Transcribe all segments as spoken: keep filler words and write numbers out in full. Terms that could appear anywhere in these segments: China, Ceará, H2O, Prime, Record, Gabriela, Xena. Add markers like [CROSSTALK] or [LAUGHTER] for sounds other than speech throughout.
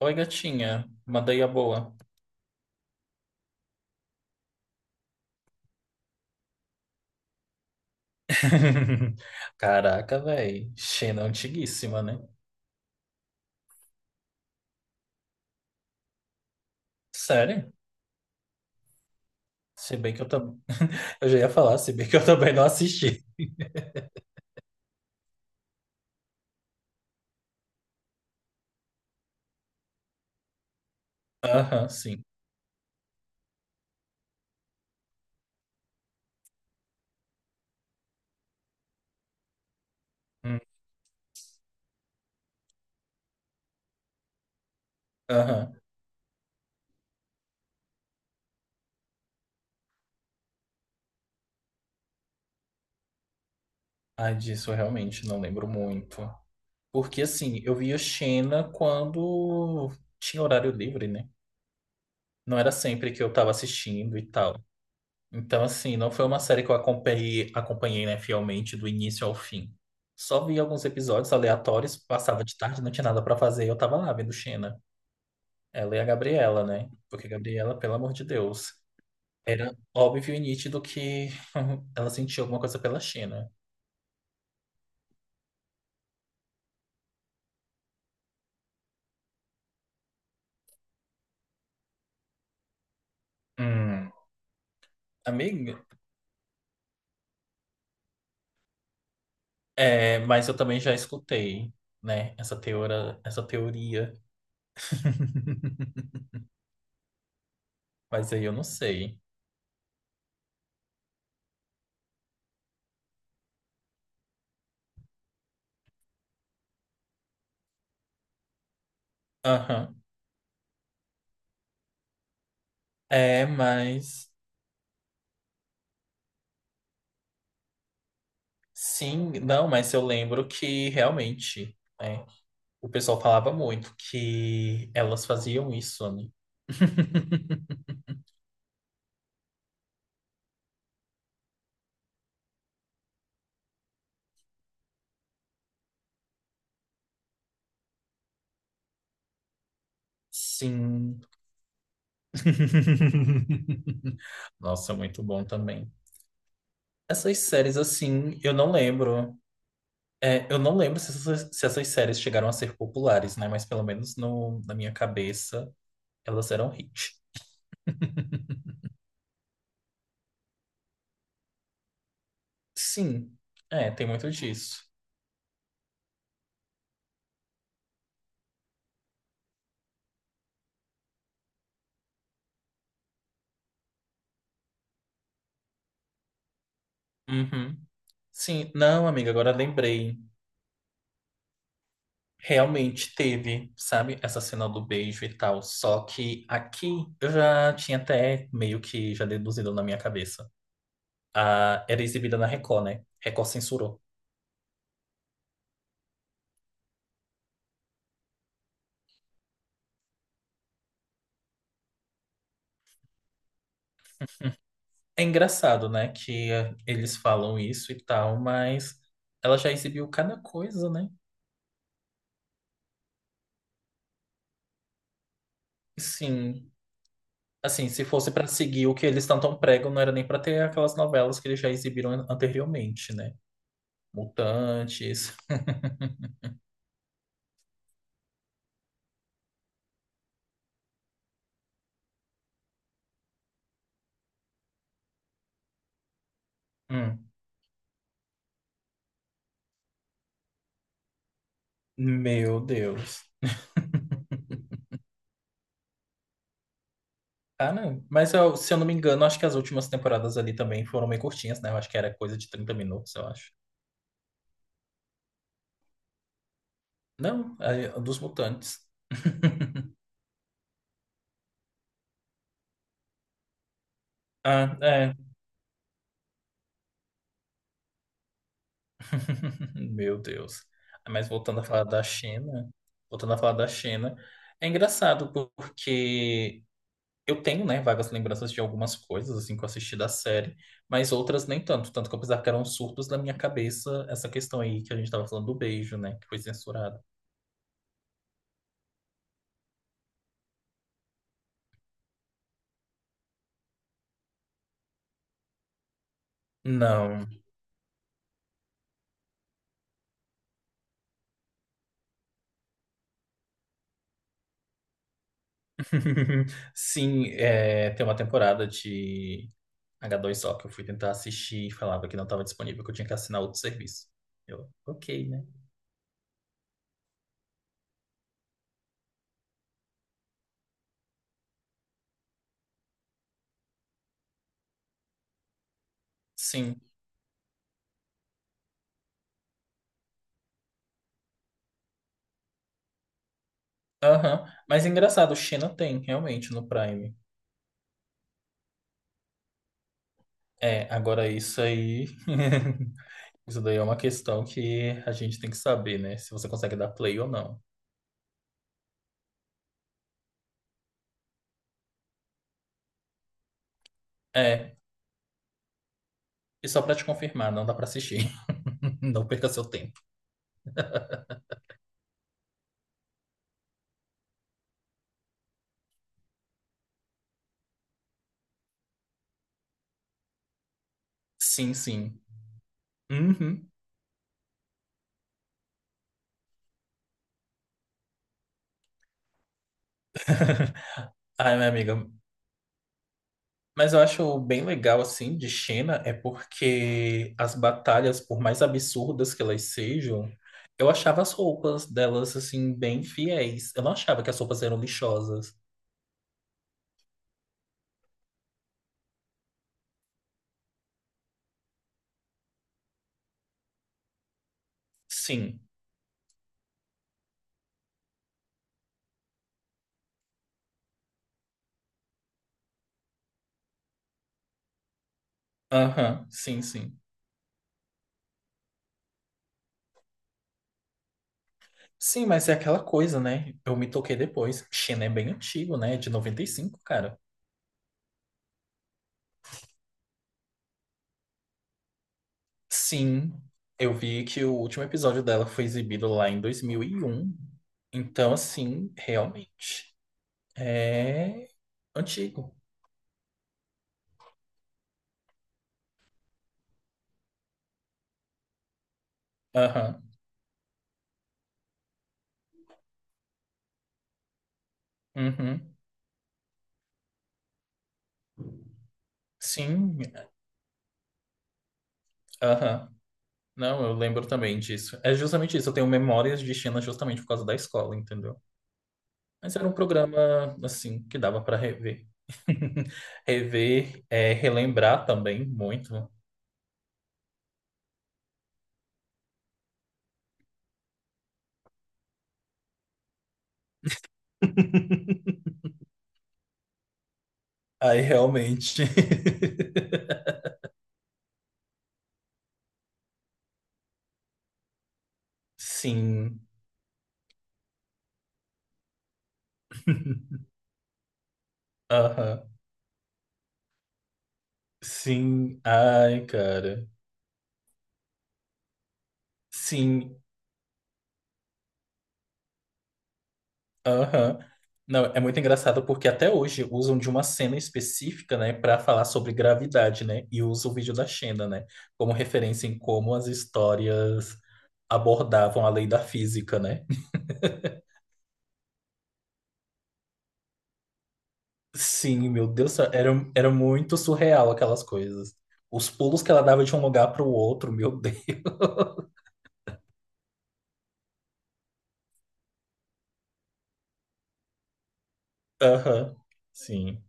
Oi, gatinha. Mandei a boa. [LAUGHS] Caraca, velho. Xena é antiguíssima, né? Sério? Se bem que eu também. [LAUGHS] Eu já ia falar, se bem que eu também não assisti. Aham, sim. Hum. Aham. Ai, disso eu realmente não lembro muito. Porque, assim, eu via Xena quando tinha horário livre, né? Não era sempre que eu tava assistindo e tal. Então, assim, não foi uma série que eu acompanhei, acompanhei, né, fielmente do início ao fim. Só vi alguns episódios aleatórios, passava de tarde, não tinha nada pra fazer, e eu tava lá vendo Xena. Ela e a Gabriela, né? Porque a Gabriela, pelo amor de Deus, era óbvio e nítido que [LAUGHS] ela sentia alguma coisa pela Xena. Hum, amiga, é, mas eu também já escutei, né, essa teoria, essa teoria, mas aí eu não sei. Aham. É, mas sim, não, mas eu lembro que realmente, né, o pessoal falava muito que elas faziam isso, né? [LAUGHS] Sim. [LAUGHS] Nossa, muito bom também. Essas séries, assim, eu não lembro. É, eu não lembro se essas, se essas séries chegaram a ser populares, né? Mas pelo menos no, na minha cabeça, elas eram hit. Sim, é, tem muito disso. Uhum. Sim, não, amiga, agora lembrei. Realmente teve, sabe, essa cena do beijo e tal. Só que aqui eu já tinha até meio que já deduzido na minha cabeça. Ah, era exibida na Record, né? Record censurou. É engraçado, né, que eh, eles falam isso e tal, mas ela já exibiu cada coisa, né? Sim. Assim, se fosse pra seguir o que eles tanto pregam, não era nem pra ter aquelas novelas que eles já exibiram an- anteriormente, né? Mutantes. [LAUGHS] Hum. Meu Deus. [LAUGHS] Cara, mas eu- se eu não me engano, acho que as últimas temporadas ali também foram meio curtinhas, né? Eu acho que era coisa de trinta minutos, eu acho. Não, é, dos mutantes. [LAUGHS] Ah, é. [LAUGHS] Meu Deus. Mas voltando a falar da China, voltando a falar da China, é engraçado porque eu tenho, né, vagas lembranças de algumas coisas assim que eu assisti da série, mas outras nem tanto, tanto que eu pensava que eram surtos na minha cabeça essa questão aí que a gente tava falando do beijo, né, que foi censurado. Não. [LAUGHS] Sim, é, tem uma temporada de agá dois ó que eu fui tentar assistir e falava que não estava disponível, que eu tinha que assinar outro serviço. Eu, ok, né? Sim, aham. Mas engraçado, Xena tem, realmente, no Prime. É, agora isso aí. [LAUGHS] Isso daí é uma questão que a gente tem que saber, né? Se você consegue dar play ou não. É, e só pra te confirmar, não dá pra assistir. [LAUGHS] Não perca seu tempo. Sim, sim. Uhum. [LAUGHS] Ai, minha amiga, mas eu acho bem legal, assim, de China é porque as batalhas, por mais absurdas que elas sejam, eu achava as roupas delas, assim, bem fiéis. Eu não achava que as roupas eram lixosas. Sim. Aham, sim, sim. Sim, mas é aquela coisa, né? Eu me toquei depois. China é bem antigo, né? De noventa e cinco cara. Sim, eu vi que o último episódio dela foi exibido lá em dois mil e um. Então, assim, realmente, é antigo. Aham. Uhum. Sim, aham. Não, eu lembro também disso. É justamente isso, eu tenho memórias de China justamente por causa da escola, entendeu? Mas era um programa, assim, que dava para rever. [LAUGHS] Rever, é, relembrar também muito. Aí realmente. [LAUGHS] Sim. Aham. Sim. Ai, cara. Sim. Aham. Não, é muito engraçado porque até hoje usam de uma cena específica, né, para falar sobre gravidade, né? E usam o vídeo da Xena, né, como referência em como as histórias abordavam a lei da física, né? Sim, meu Deus, do céu, era, era muito surreal aquelas coisas. Os pulos que ela dava de um lugar para o outro, meu [LAUGHS] Deus. Aham. Sim.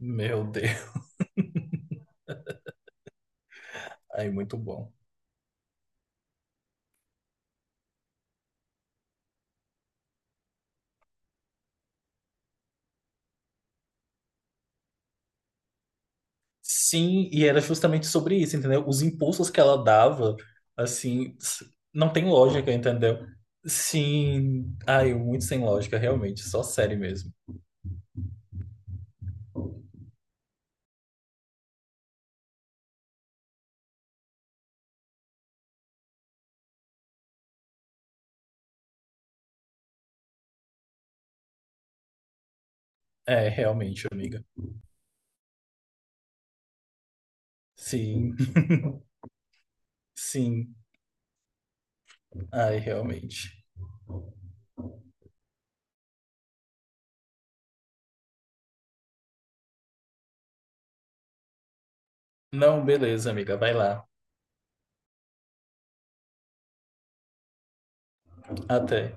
Meu Deus. Aí, muito bom. Sim, e era justamente sobre isso, entendeu? Os impulsos que ela dava, assim, s- não tem lógica, entendeu? Sim, ai, muito sem lógica, realmente, só série mesmo. É, realmente, amiga. Sim, [LAUGHS] sim, ai, realmente. Não, beleza, amiga, vai lá. Até.